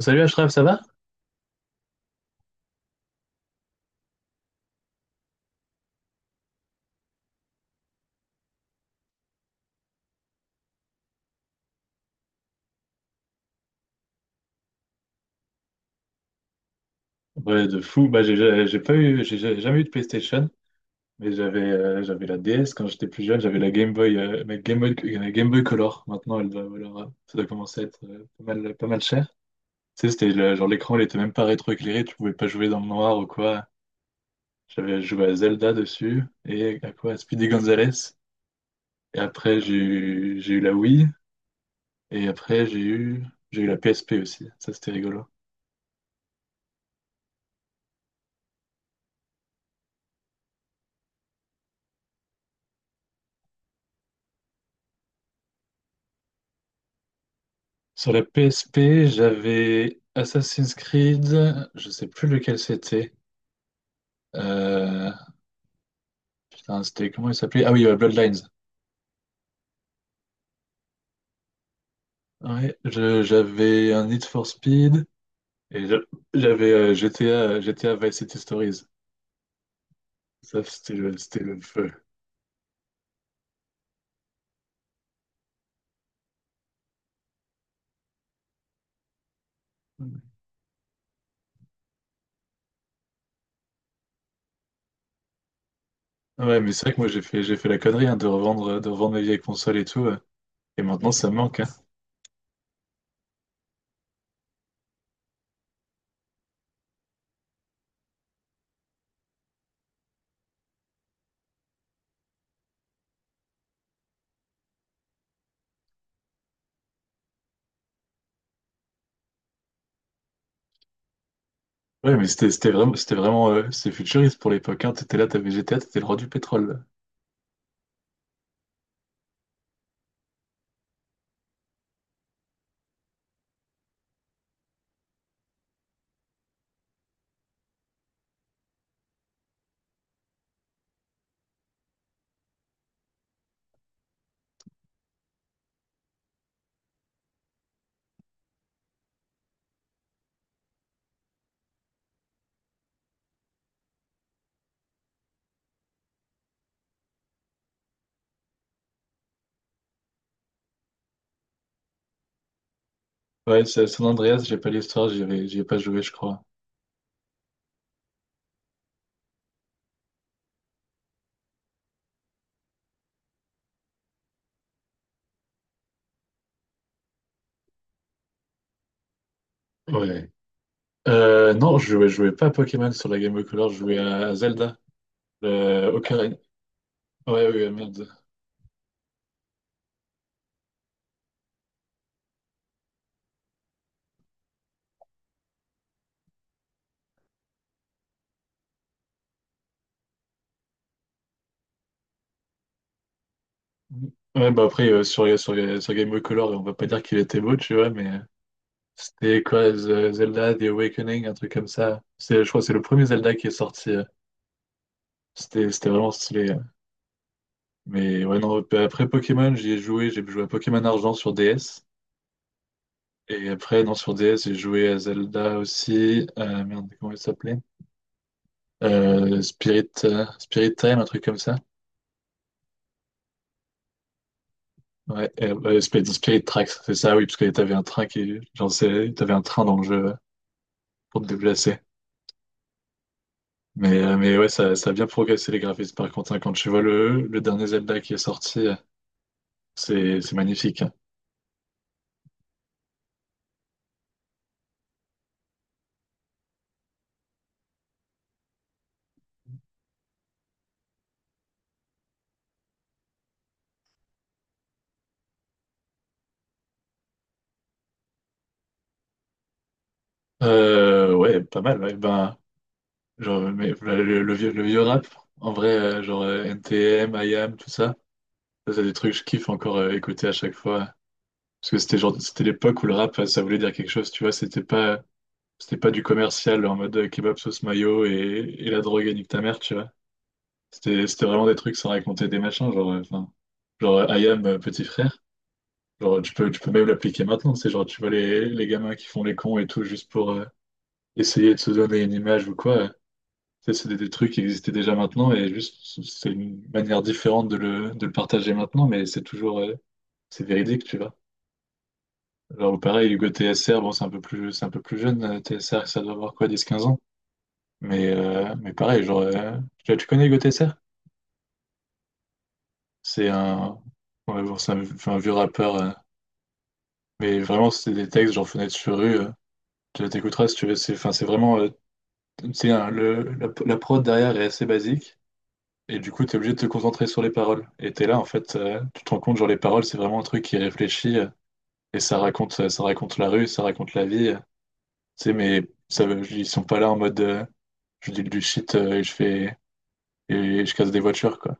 Salut Ashraf, ça va? Ouais, de fou. Bah, j'ai pas eu, j'ai jamais eu de PlayStation, mais j'avais j'avais la DS quand j'étais plus jeune, j'avais la Game Boy, ma Game Boy, la Game Boy Color. Maintenant, elle doit valoir, ça doit commencer à être pas mal, pas mal cher. Tu sais, genre l'écran, il était même pas rétroéclairé, tu pouvais pas jouer dans le noir ou quoi. J'avais joué à Zelda dessus et à quoi? À Speedy Gonzales. Et après, j'ai eu la Wii et après, j'ai eu la PSP aussi. Ça, c'était rigolo. Sur la PSP, j'avais Assassin's Creed, je sais plus lequel c'était. Euh, Putain, c'était comment il s'appelait? Ah oui, Bloodlines. J'avais un Need for Speed et je- j'avais GTA, GTA Vice City Stories. Ça, c'était le feu. Ouais, mais c'est vrai que moi j'ai fait la connerie, hein, de revendre mes vieilles consoles et tout. Et maintenant, ça me manque. Hein. Ouais, mais c'était vraiment, c'était vraiment, c'est futuriste pour l'époque. Hein. T'étais là, t'avais GTA, t'étais le roi du pétrole. Ouais, c'est à San Andreas, j'ai pas l'histoire, j'ai pas joué, je crois. Ouais. Non, je jouais pas à Pokémon sur la Game Boy Color, je jouais à Zelda. Le Ocarina. Ouais, ouais, ouais, merde. Ouais, bah après, sur Game Boy Color, on va pas dire qu'il était beau, tu vois, mais c'était quoi, Zelda, The Awakening, un truc comme ça. C'est, je crois que c'est le premier Zelda qui est sorti. C'était c'était vraiment stylé. Hein. Mais ouais, non, bah, après Pokémon, j'y ai joué. J'ai joué à Pokémon Argent sur DS. Et après, non, sur DS, j'ai joué à Zelda aussi. Merde, comment il s'appelait? Spirit Time, un truc comme ça. Spirit Tracks, c'est ça, oui, parce que t'avais un train qui, genre, t'avais un train dans le jeu pour te déplacer. Mais ouais, ça a bien progressé les graphismes. Par contre, hein, quand tu vois le dernier Zelda qui est sorti, c'est magnifique. Hein. Ouais, pas mal. Ouais. Ben, genre, mais, le vieux, le vieux rap, en vrai, NTM, MIAM, tout ça, ça, c'est des trucs que je kiffe encore écouter à chaque fois. Parce que c'était genre, c'était l'époque où le rap, ça voulait dire quelque chose, tu vois. C'était pas du commercial en mode kebab sauce mayo et la drogue et nique ta mère, tu vois. C'était c'était vraiment des trucs sans raconter des machins, genre, enfin, I am petit frère. Genre, tu peux même l'appliquer maintenant, c'est genre, tu vois les gamins qui font les cons et tout, juste pour essayer de se donner une image ou quoi. Ça, c'est des trucs qui existaient déjà maintenant et juste, c'est une manière différente de de le partager maintenant, mais c'est toujours, c'est véridique, tu vois. Genre, pareil, Hugo TSR, bon, c'est un peu plus jeune, TSR, ça doit avoir quoi, 10 15 ans. Mais pareil, genre, tu connais Hugo TSR? C'est un, ouais, bon, c'est un, enfin, un vieux rappeur. Mais vraiment, c'est des textes genre Fenêtre sur rue. Tu t'écouteras si tu veux. C'est enfin, c'est vraiment, tu sais, hein, la prod derrière est assez basique. Et du coup, t'es obligé de te concentrer sur les paroles. Et t'es là, en fait, tu te rends compte, genre, les paroles, c'est vraiment un truc qui est réfléchi. Et ça raconte la rue, ça raconte la vie. Tu sais, mais ils sont pas là en mode, je dis du shit et je fais. Et je casse des voitures, quoi.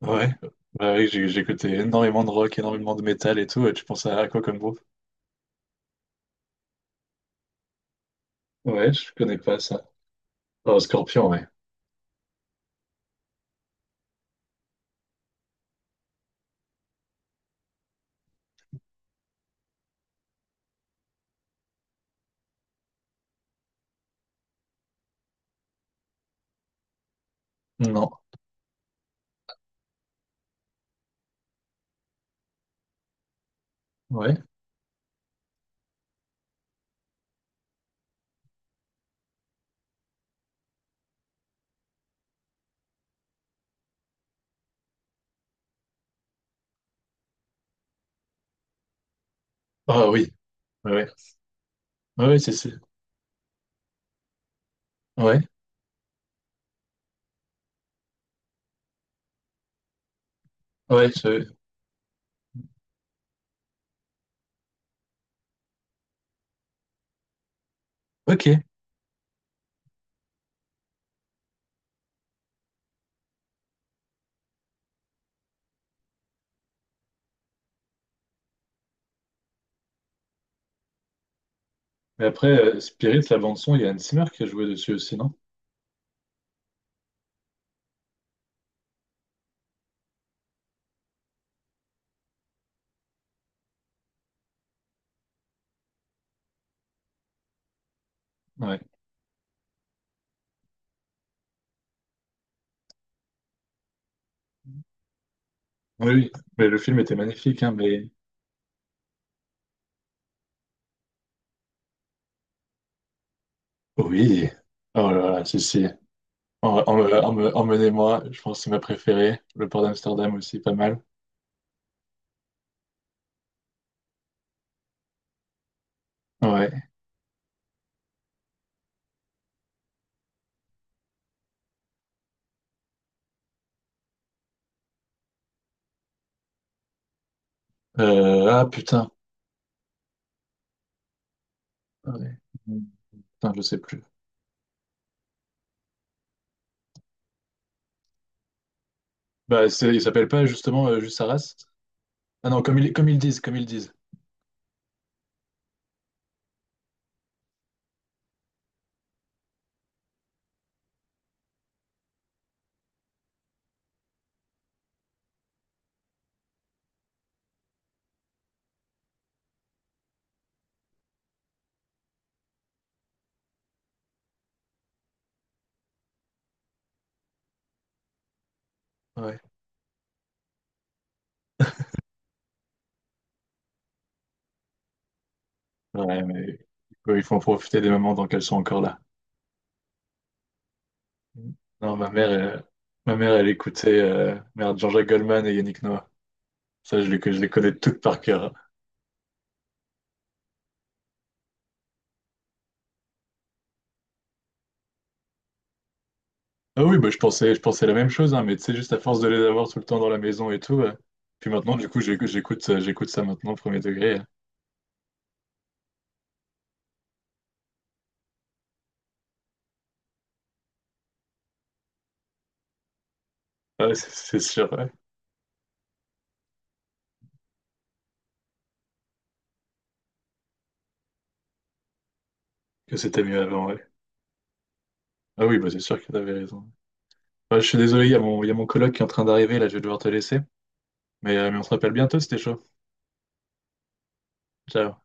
Ouais. Bah oui, j'écoutais énormément de rock, énormément de métal et tout. Et tu penses à quoi comme groupe? Ouais, je connais pas ça. Oh, Scorpion, ouais. Non. Ouais. Ah oui, ouais, ouais, ouais, ouais, c'est, ouais, ouais, ok. Mais après, Spirit, la bande son, il y a Hans Zimmer qui a joué dessus aussi, non? Ouais. Oui, oui. Mais le film était magnifique, hein, mais... Oui. Oh là là, si, si. Emmenez-moi, je pense que c'est ma préférée. Le port d'Amsterdam aussi, pas mal. Ouais. Putain. Ouais. Putain, je sais plus. Bah, il s'appelle pas justement juste Arras? Ah non, comme ils disent, comme ils disent. Ouais. Ouais, mais il faut en profiter des moments dans qu'elles sont encore là. Non, ma mère, elle écoutait merde, Jean-Jacques Goldman et Yannick Noah. Ça, je les connais toutes par cœur. Ah oui, bah, je pensais la même chose, hein, mais tu sais, juste à force de les avoir tout le temps dans la maison et tout. Puis maintenant, du coup, j'écoute ça maintenant, premier degré. Ouais, c'est sûr, ouais, que c'était mieux avant, ouais. Ah oui, bah, c'est sûr que t'avais raison. Ouais, je suis désolé, il y a il y a mon coloc qui est en train d'arriver, là, je vais devoir te laisser. Mais on se rappelle bientôt, c'était chaud. Ciao.